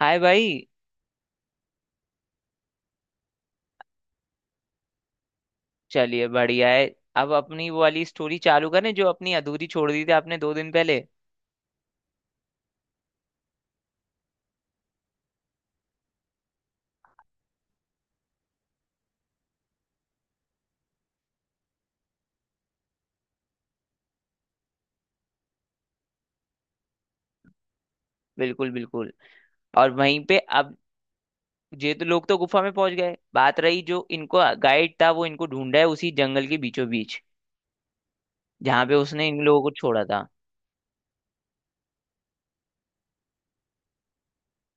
हाय भाई। चलिए बढ़िया है। अब अपनी वो वाली स्टोरी चालू करें जो अपनी अधूरी छोड़ दी थी आपने 2 दिन पहले। बिल्कुल बिल्कुल। और वहीं पे अब ये तो लोग तो गुफा में पहुंच गए, बात रही जो इनको गाइड था वो इनको ढूंढा है उसी जंगल के बीचों बीच जहाँ पे उसने इन लोगों को छोड़ा था।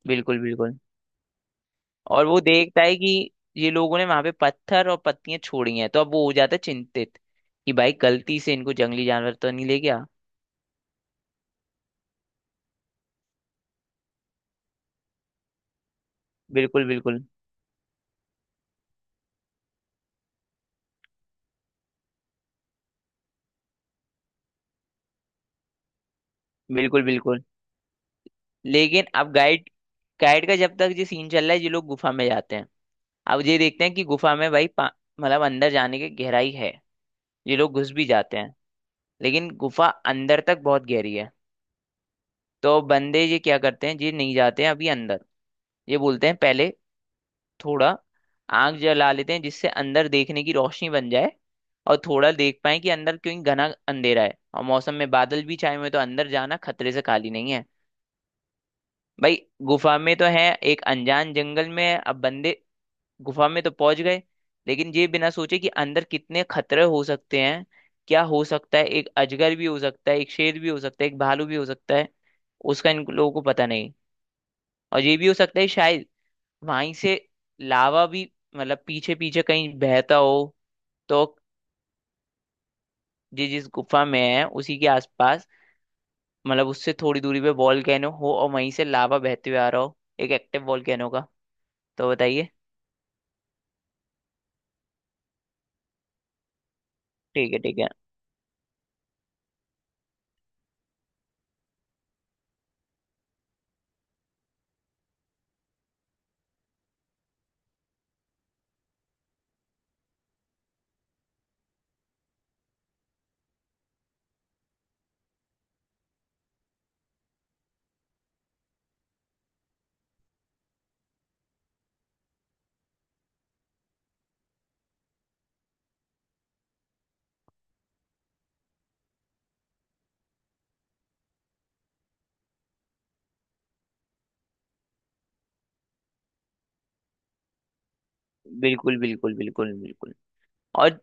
बिल्कुल बिल्कुल। और वो देखता है कि ये लोगों ने वहां पे पत्थर और पत्तियां छोड़ी हैं तो अब वो हो जाता है चिंतित कि भाई गलती से इनको जंगली जानवर तो नहीं ले गया। बिल्कुल बिल्कुल बिल्कुल बिल्कुल। लेकिन अब गाइड गाइड का जब तक ये सीन चल रहा है ये लोग गुफा में जाते हैं। अब ये देखते हैं कि गुफा में भाई मतलब अंदर जाने की गहराई है। ये लोग घुस भी जाते हैं लेकिन गुफा अंदर तक बहुत गहरी है। तो बंदे ये क्या करते हैं, ये नहीं जाते हैं अभी अंदर। ये बोलते हैं पहले थोड़ा आग जला लेते हैं जिससे अंदर देखने की रोशनी बन जाए और थोड़ा देख पाए कि अंदर क्यों घना अंधेरा है, और मौसम में बादल भी छाए हुए हैं, तो अंदर जाना खतरे से खाली नहीं है। भाई गुफा में तो है, एक अनजान जंगल में है, अब बंदे गुफा में तो पहुंच गए लेकिन ये बिना सोचे कि अंदर कितने खतरे हो सकते हैं। क्या हो सकता है, एक अजगर भी हो सकता है, एक शेर भी हो सकता है, एक भालू भी हो सकता है। उसका इन लोगों को पता नहीं। और ये भी हो सकता है शायद वहीं से लावा भी, मतलब पीछे पीछे कहीं बहता हो। तो ये जिस गुफा में है उसी के आसपास, मतलब उससे थोड़ी दूरी पे वॉल्केनो हो और वहीं से लावा बहते हुए आ रहा हो एक एक्टिव वॉल्केनो का। तो बताइए। ठीक है ठीक है। बिल्कुल बिल्कुल बिल्कुल बिल्कुल। और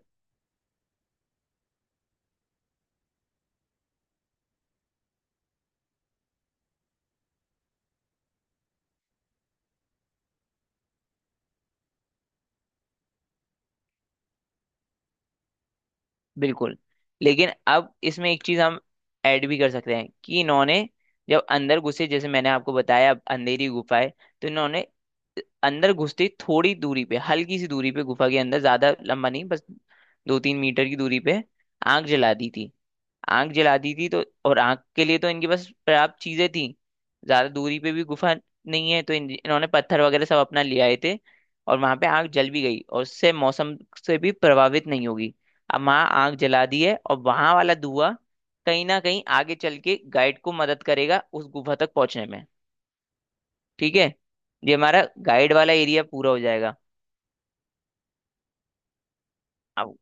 बिल्कुल। लेकिन अब इसमें एक चीज हम ऐड भी कर सकते हैं कि इन्होंने, जब अंदर घुसे जैसे मैंने आपको बताया, अब अंधेरी गुफा है। तो इन्होंने अंदर घुसते ही थोड़ी दूरी पे, हल्की सी दूरी पे गुफा के अंदर, ज्यादा लंबा नहीं, बस 2-3 मीटर की दूरी पे आग जला दी थी। आंख जला दी थी तो, और आंख के लिए तो इनके पास पर्याप्त चीजें थी। ज्यादा दूरी पे भी गुफा नहीं है तो इन्होंने पत्थर वगैरह सब अपना ले आए थे। और वहां पे आंख जल भी गई और उससे मौसम से भी प्रभावित नहीं होगी। अब वहां आंख जला दी है और वहां वाला धुआं कहीं ना कहीं आगे चल के गाइड को मदद करेगा उस गुफा तक पहुंचने में। ठीक है। ये हमारा गाइड वाला एरिया पूरा हो जाएगा। अब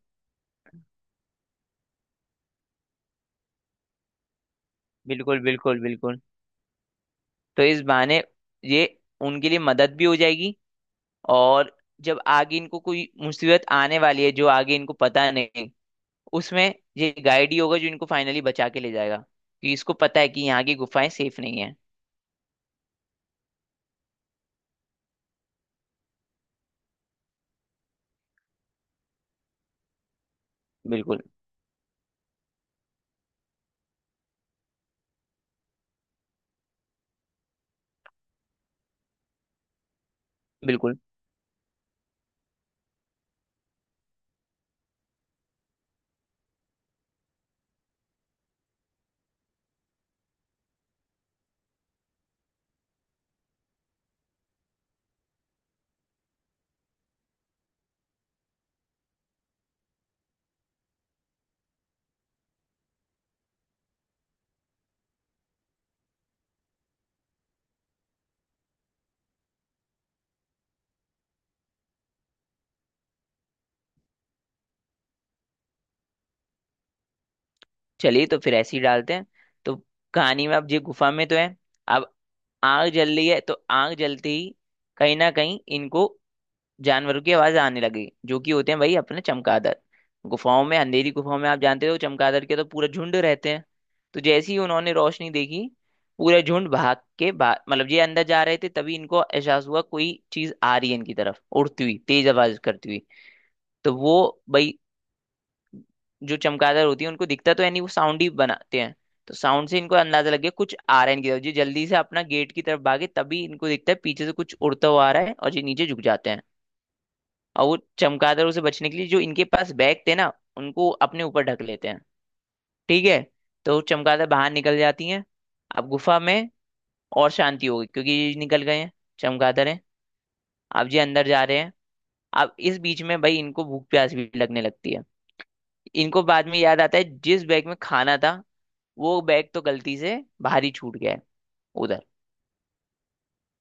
बिल्कुल बिल्कुल बिल्कुल। तो इस बहाने ये उनके लिए मदद भी हो जाएगी। और जब आगे इनको कोई मुसीबत आने वाली है जो आगे इनको पता नहीं, उसमें ये गाइड ही होगा जो इनको फाइनली बचा के ले जाएगा, कि इसको पता है कि यहाँ की गुफाएं सेफ नहीं है। बिल्कुल बिल्कुल। चलिए तो फिर ऐसे ही डालते हैं। तो कहानी में अब ये गुफा में तो है, अब आग जल रही है, तो आग जलते ही कहीं ना कहीं इनको जानवरों की आवाज आने लगी जो कि होते हैं भाई अपने चमगादड़। गुफाओं में, अंधेरी गुफाओं में आप जानते हो चमगादड़ के तो पूरा झुंड रहते हैं। तो जैसे ही उन्होंने रोशनी देखी, पूरा झुंड भाग के, भाग मतलब, ये अंदर जा रहे थे तभी इनको एहसास हुआ कोई चीज आ रही है इनकी तरफ, उड़ती हुई, तेज आवाज करती हुई। तो वो भाई जो चमगादड़ होती है उनको दिखता तो है नहीं, वो साउंड ही बनाते हैं। तो साउंड से इनको अंदाजा लग गया कुछ आ रहा है इनकी तरफ, ये जल्दी से अपना गेट की तरफ भागे, तभी इनको दिखता है पीछे से कुछ उड़ता हुआ आ रहा है और ये नीचे झुक जाते हैं। और वो चमगादड़ों से बचने के लिए जो इनके पास बैग थे ना उनको अपने ऊपर ढक लेते हैं। ठीक है। तो चमगादड़ बाहर निकल जाती हैं। अब गुफा में और शांति होगी क्योंकि ये निकल गए हैं, चमगादड़ हैं। अब ये अंदर जा रहे हैं। अब इस बीच में भाई इनको भूख प्यास भी लगने लगती है। इनको बाद में याद आता है जिस बैग में खाना था वो बैग तो गलती से बाहर ही छूट गया है, उधर।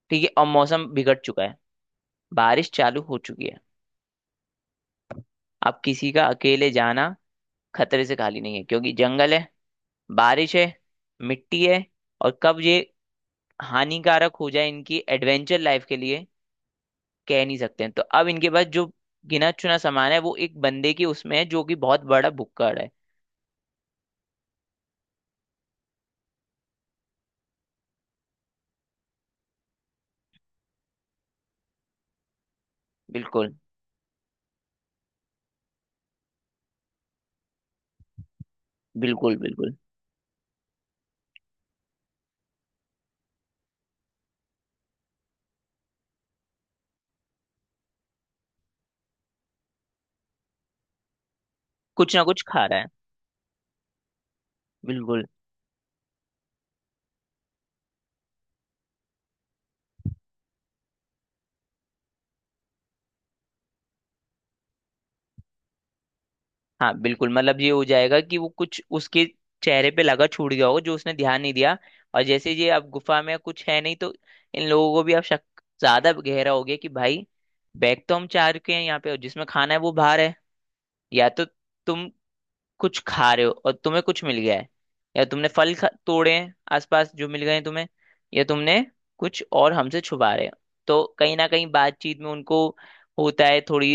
ठीक है, और मौसम बिगड़ चुका है। बारिश चालू हो चुकी है। अब किसी का अकेले जाना खतरे से खाली नहीं है, क्योंकि जंगल है, बारिश है, मिट्टी है, और कब ये हानिकारक हो जाए इनकी एडवेंचर लाइफ के लिए कह नहीं सकते हैं, तो अब इनके पास जो गिना चुना सामान है वो एक बंदे की उसमें है जो कि बहुत बड़ा भुक्कड़ है। बिल्कुल बिल्कुल बिल्कुल। कुछ ना कुछ खा रहा है। बिल्कुल। हाँ बिल्कुल, मतलब ये हो जाएगा कि वो कुछ उसके चेहरे पे लगा छूट गया होगा जो उसने ध्यान नहीं दिया। और जैसे ये अब गुफा में कुछ है नहीं, तो इन लोगों को भी अब शक ज्यादा गहरा हो गया कि भाई बैग तो हम चार के हैं यहाँ पे और जिसमें खाना है वो बाहर है। या तो तुम कुछ खा रहे हो और तुम्हें कुछ मिल गया है, या तुमने फल तोड़े हैं आसपास जो मिल गए हैं तुम्हें, या तुमने कुछ और हमसे छुपा रहे हो। तो कहीं ना कहीं बातचीत में उनको होता है, थोड़ी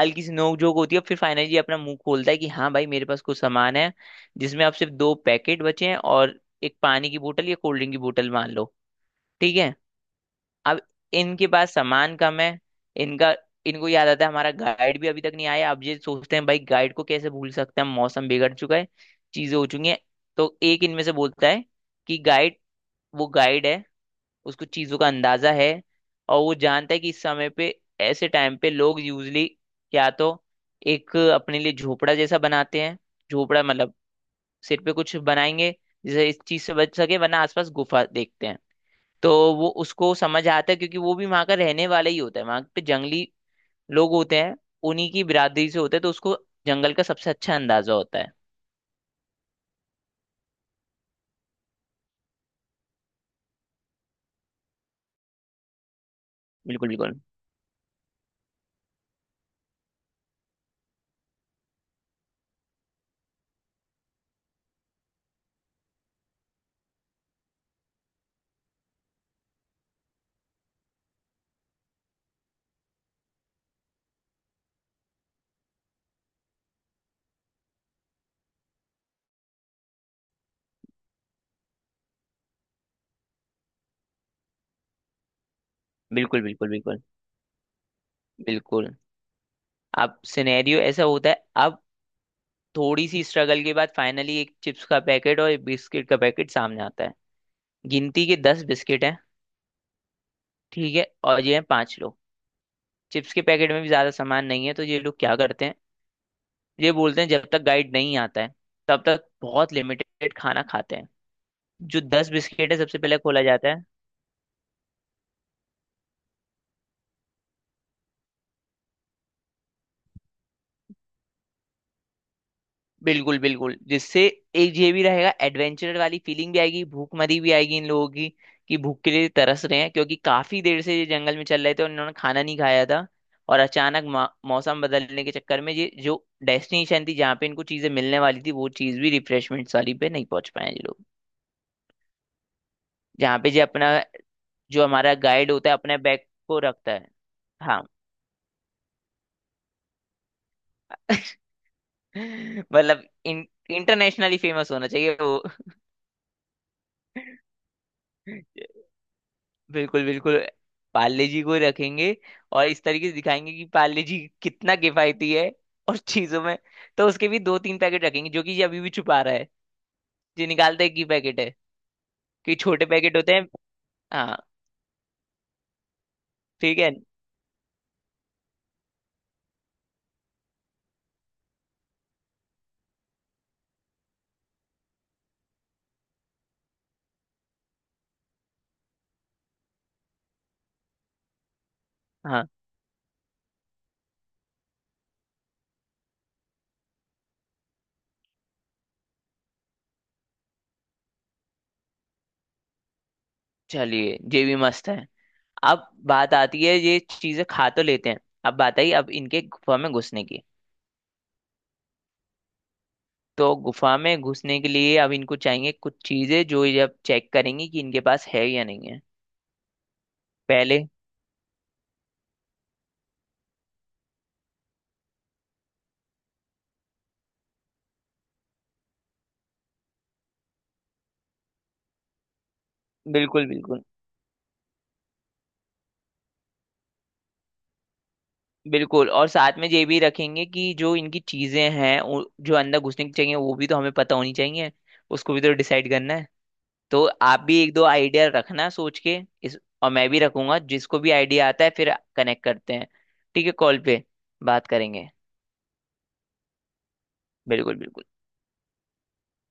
हल्की सी नोकझोंक होती है, फिर फाइनली ये अपना मुंह खोलता है कि हाँ भाई मेरे पास कुछ सामान है, जिसमें अब सिर्फ दो पैकेट बचे हैं और एक पानी की बोतल या कोल्ड ड्रिंक की बोतल, मान लो। ठीक है। अब इनके पास सामान कम है। इनका, इनको याद आता है हमारा गाइड भी अभी तक नहीं आया, अब ये सोचते हैं भाई गाइड को कैसे भूल सकते हैं, मौसम बिगड़ चुका है। चीजें हो चुकी हैं। तो एक इनमें से बोलता है कि गाइड, वो गाइड है, उसको चीजों का अंदाजा है, और वो जानता है कि इस समय पे, ऐसे टाइम पे लोग यूजली या तो एक अपने लिए झोपड़ा जैसा बनाते हैं। झोपड़ा मतलब सिर पे कुछ बनाएंगे जिससे इस चीज से बच सके, वरना आसपास गुफा देखते हैं। तो वो उसको समझ आता है क्योंकि वो भी वहां का रहने वाला ही होता है, वहां पे जंगली लोग होते हैं उन्हीं की बिरादरी से होता है, तो उसको जंगल का सबसे अच्छा अंदाजा होता है। बिल्कुल बिल्कुल बिल्कुल बिल्कुल बिल्कुल बिल्कुल। अब सिनेरियो ऐसा होता है, अब थोड़ी सी स्ट्रगल के बाद फाइनली एक चिप्स का पैकेट और एक बिस्किट का पैकेट सामने आता है। गिनती के 10 बिस्किट हैं। ठीक है, और ये हैं पांच लोग। चिप्स के पैकेट में भी ज्यादा सामान नहीं है, तो ये लोग क्या करते हैं, ये बोलते हैं जब तक गाइड नहीं आता है तब तक बहुत लिमिटेड खाना खाते हैं। जो 10 बिस्किट है सबसे पहले खोला जाता है। बिल्कुल बिल्कुल। जिससे एक ये भी रहेगा, एडवेंचर वाली फीलिंग भी आएगी, भूखमरी भी आएगी इन लोगों की, कि भूख के लिए तरस रहे हैं क्योंकि काफी देर से ये जंगल में चल रहे थे और इन्होंने खाना नहीं खाया था। और अचानक मौसम बदलने के चक्कर में ये जो डेस्टिनेशन थी जहाँ पे इनको चीजें मिलने वाली थी, वो चीज भी, रिफ्रेशमेंट वाली पे नहीं पहुंच पाए ये लोग। जहाँ पे, जो अपना, जो हमारा गाइड होता है अपने बैग को रखता है। हाँ मतलब इन इंटरनेशनली फेमस होना चाहिए वो। बिल्कुल बिल्कुल। पाले जी को रखेंगे, और इस तरीके से दिखाएंगे कि पाले जी कितना किफायती है और चीजों में। तो उसके भी दो तीन पैकेट रखेंगे जो कि ये अभी भी छुपा रहा है। ये निकालता है कि पैकेट है, कि छोटे पैकेट होते हैं। हाँ ठीक है हाँ। चलिए ये भी मस्त है। अब बात आती है ये चीजें खा तो लेते हैं। अब बात आई अब इनके गुफा में घुसने की। तो गुफा में घुसने के लिए अब इनको चाहिए कुछ चीजें जो ये अब चेक करेंगी कि इनके पास है या नहीं है पहले। बिल्कुल बिल्कुल बिल्कुल। और साथ में ये भी रखेंगे कि जो इनकी चीजें हैं जो अंदर घुसने की चाहिए वो भी तो हमें पता होनी चाहिए। उसको भी तो डिसाइड करना है। तो आप भी एक दो आइडिया रखना सोच के इस, और मैं भी रखूंगा, जिसको भी आइडिया आता है फिर कनेक्ट करते हैं। ठीक है, कॉल पे बात करेंगे। बिल्कुल बिल्कुल।